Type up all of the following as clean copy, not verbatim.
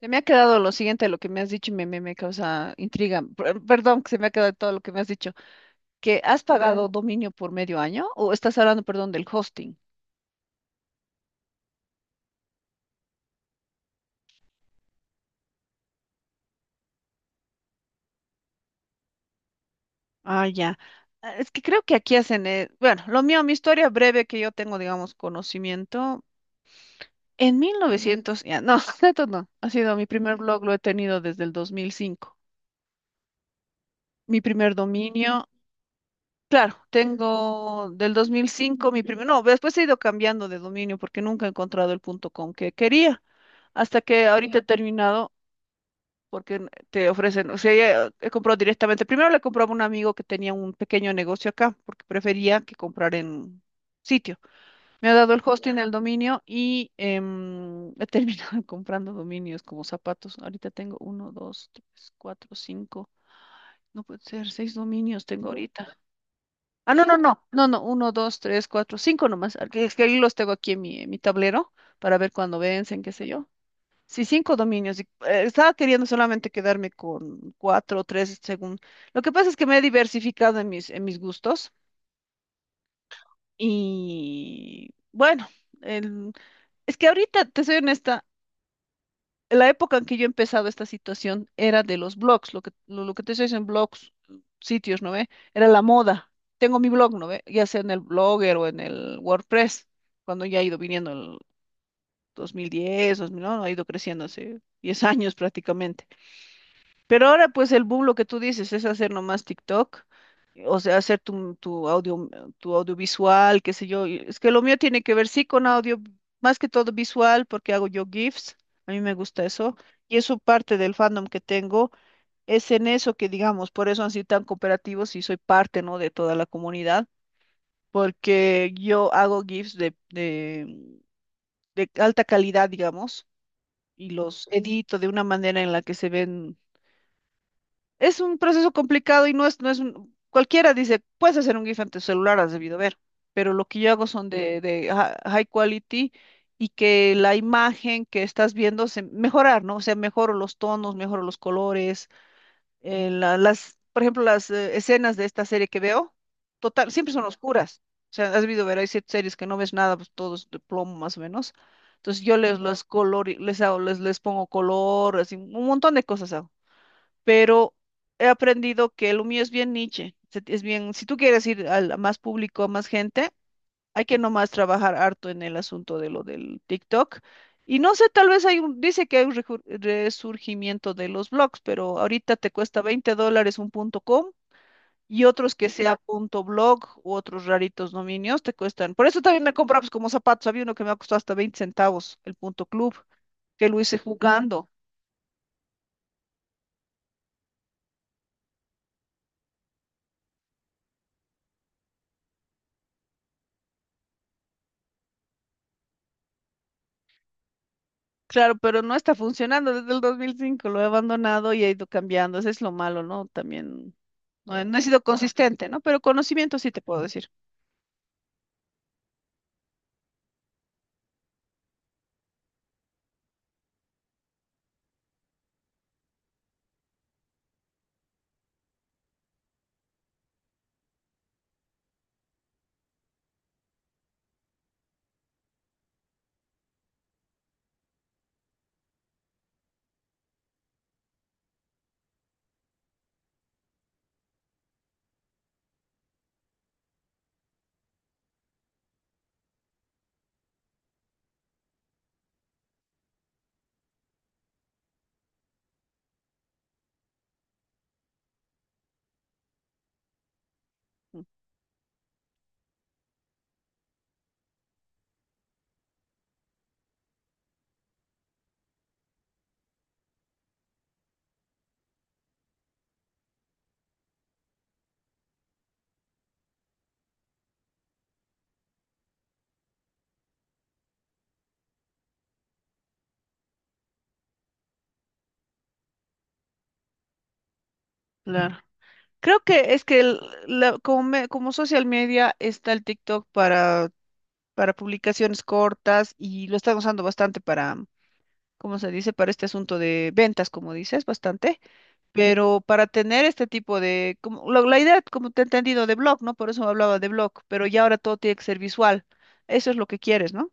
Se me ha quedado lo siguiente de lo que me has dicho y me causa intriga. Perdón, que se me ha quedado todo lo que me has dicho. ¿Que has pagado dominio por medio año o estás hablando, perdón, del hosting? Ah, ya. Ah, es que creo que aquí hacen, bueno, lo mío, mi historia breve que yo tengo, digamos, conocimiento. En 1900, ya, no, tanto no, ha sido mi primer blog, lo he tenido desde el 2005. Mi primer dominio, claro, tengo del 2005 mi primer, no, después he ido cambiando de dominio porque nunca he encontrado el punto .com que quería, hasta que ahorita he terminado porque te ofrecen, o sea, ya, he comprado directamente, primero le compraba a un amigo que tenía un pequeño negocio acá, porque prefería que comprar en sitio. Me ha dado el hosting del dominio y he terminado comprando dominios como zapatos. Ahorita tengo uno, dos, tres, cuatro, cinco, no puede ser, seis dominios tengo ahorita. Ah, no, no, no, no, no, uno, dos, tres, cuatro, cinco nomás. Es que ahí los tengo aquí en en mi tablero para ver cuándo vencen, qué sé yo. Sí, cinco dominios. Y, estaba queriendo solamente quedarme con cuatro o tres según. Lo que pasa es que me he diversificado en en mis gustos y bueno, el- es que ahorita, te soy honesta, la época en que yo he empezado esta situación era de los blogs, lo que, lo que te dicen blogs, sitios, ¿no ve? Era la moda. Tengo mi blog, ¿no ve? Ya sea en el Blogger o en el WordPress, cuando ya ha ido viniendo el 2010, 2009, ha ido creciendo hace 10 años prácticamente. Pero ahora, pues, el boom, lo que tú dices, es hacer nomás TikTok, o sea, hacer tu, tu audio, tu audiovisual, qué sé yo. Y es que lo mío tiene que ver, sí, con audio, más que todo visual, porque hago yo GIFs, a mí me gusta eso, y eso parte del fandom que tengo, es en eso que, digamos, por eso han sido tan cooperativos y soy parte, ¿no?, de toda la comunidad, porque yo hago GIFs de alta calidad, digamos, y los edito de una manera en la que se ven. Es un proceso complicado y no es, no es un, cualquiera dice, puedes hacer un GIF en tu celular, has debido ver, pero lo que yo hago son de high quality y que la imagen que estás viendo se mejorar, ¿no? O sea, mejoro los tonos, mejoro los colores, las, por ejemplo, las escenas de esta serie que veo, total, siempre son oscuras. O sea, has debido ver, hay ciertas series que no ves nada, pues todo es de plomo más o menos. Entonces yo les, los color, les hago, les pongo color, así, un montón de cosas hago, pero he aprendido que lo mío es bien niche, es bien, si tú quieres ir a más público, a más gente, hay que nomás trabajar harto en el asunto de lo del TikTok. Y no sé, tal vez hay un, dice que hay un resurgimiento de los blogs, pero ahorita te cuesta 20 dólares un punto com y otros que sea punto blog u otros raritos dominios te cuestan. Por eso también me compraba pues, como zapatos, había uno que me ha costado hasta 20 centavos, el punto club, que lo hice jugando. Claro, pero no está funcionando desde el 2005. Lo he abandonado y he ido cambiando, eso es lo malo, ¿no? También no he sido consistente, ¿no? Pero conocimiento sí te puedo decir. Mm. Claro. Creo que es que como, como social media está el TikTok para publicaciones cortas y lo están usando bastante para, como se dice, para este asunto de ventas, como dices, bastante, pero para tener este tipo de, como, la idea, como te he entendido, de blog, ¿no? Por eso hablaba de blog, pero ya ahora todo tiene que ser visual. Eso es lo que quieres, ¿no?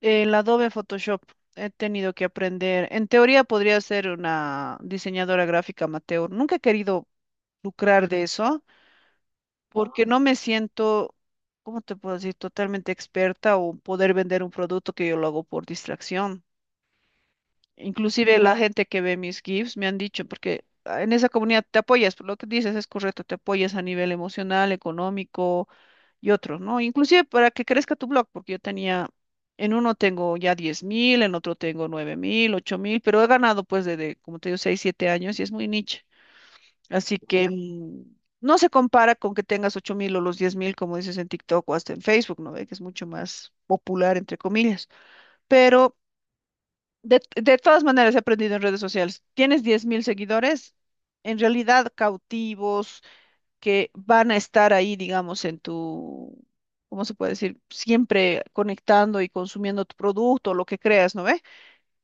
El Adobe Photoshop he tenido que aprender. En teoría podría ser una diseñadora gráfica amateur. Nunca he querido lucrar de eso porque no me siento, ¿cómo te puedo decir?, totalmente experta o poder vender un producto que yo lo hago por distracción. Inclusive la gente que ve mis GIFs me han dicho, porque ah, en esa comunidad te apoyas, lo que dices es correcto, te apoyas a nivel emocional, económico y otros, ¿no? Inclusive para que crezca tu blog, porque yo tenía, en uno tengo ya 10.000, en otro tengo 9.000, 8.000, pero he ganado pues desde, como te digo, 6 7 años y es muy niche. Así que mm, no se compara con que tengas 8.000 o los 10.000, como dices en TikTok o hasta en Facebook, ¿no ve? Que es mucho más popular, entre comillas. Pero de todas maneras he aprendido en redes sociales. Tienes 10.000 seguidores, en realidad cautivos que van a estar ahí, digamos, en tu, ¿cómo se puede decir? Siempre conectando y consumiendo tu producto, lo que creas, ¿no ve?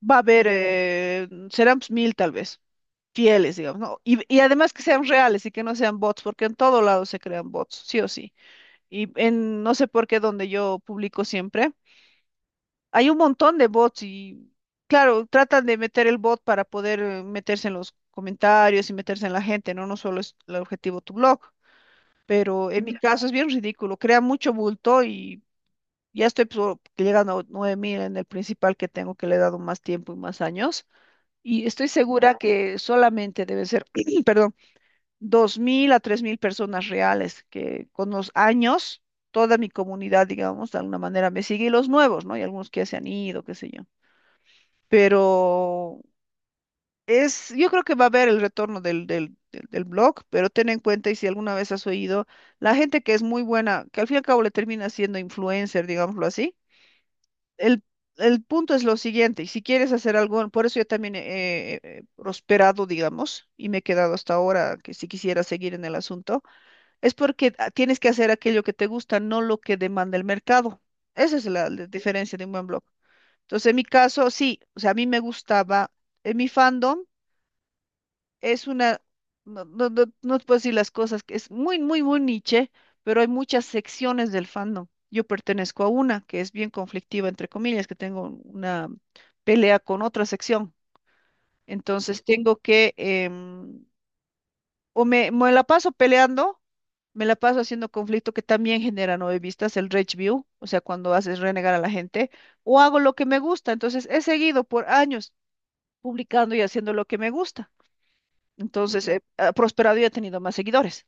Va a haber, serán pues, mil tal vez, fieles, digamos, ¿no? Y además que sean reales y que no sean bots, porque en todo lado se crean bots, sí o sí. Y en, no sé por qué, donde yo publico siempre, hay un montón de bots y, claro, tratan de meter el bot para poder meterse en los comentarios y meterse en la gente, ¿no? No solo es el objetivo tu blog, pero en mi caso es bien ridículo, crea mucho bulto y ya estoy llegando a 9.000 en el principal que tengo, que le he dado más tiempo y más años, y estoy segura que solamente deben ser, perdón, 2.000 a 3.000 personas reales, que con los años toda mi comunidad, digamos, de alguna manera me sigue y los nuevos, ¿no? Y algunos que ya se han ido, qué sé yo. Pero es, yo creo que va a haber el retorno del blog, pero ten en cuenta, y si alguna vez has oído, la gente que es muy buena, que al fin y al cabo le termina siendo influencer, digámoslo así, el, el punto es lo siguiente, y si quieres hacer algo, por eso yo también he prosperado, digamos, y me he quedado hasta ahora, que si quisiera seguir en el asunto, es porque ah, tienes que hacer aquello que te gusta, no lo que demanda el mercado. Esa es la diferencia de un buen blog. Entonces, en mi caso, sí, o sea, a mí me gustaba en mi fandom es una, no, no, no, no te puedo decir las cosas, que es muy, muy, muy niche, pero hay muchas secciones del fandom. Yo pertenezco a una que es bien conflictiva, entre comillas, que tengo una pelea con otra sección. Entonces tengo que, o me la paso peleando, me la paso haciendo conflicto que también genera nueve vistas, el rage view, o sea, cuando haces renegar a la gente, o hago lo que me gusta. Entonces he seguido por años publicando y haciendo lo que me gusta. Entonces, ujú. Ha prosperado y he tenido más seguidores.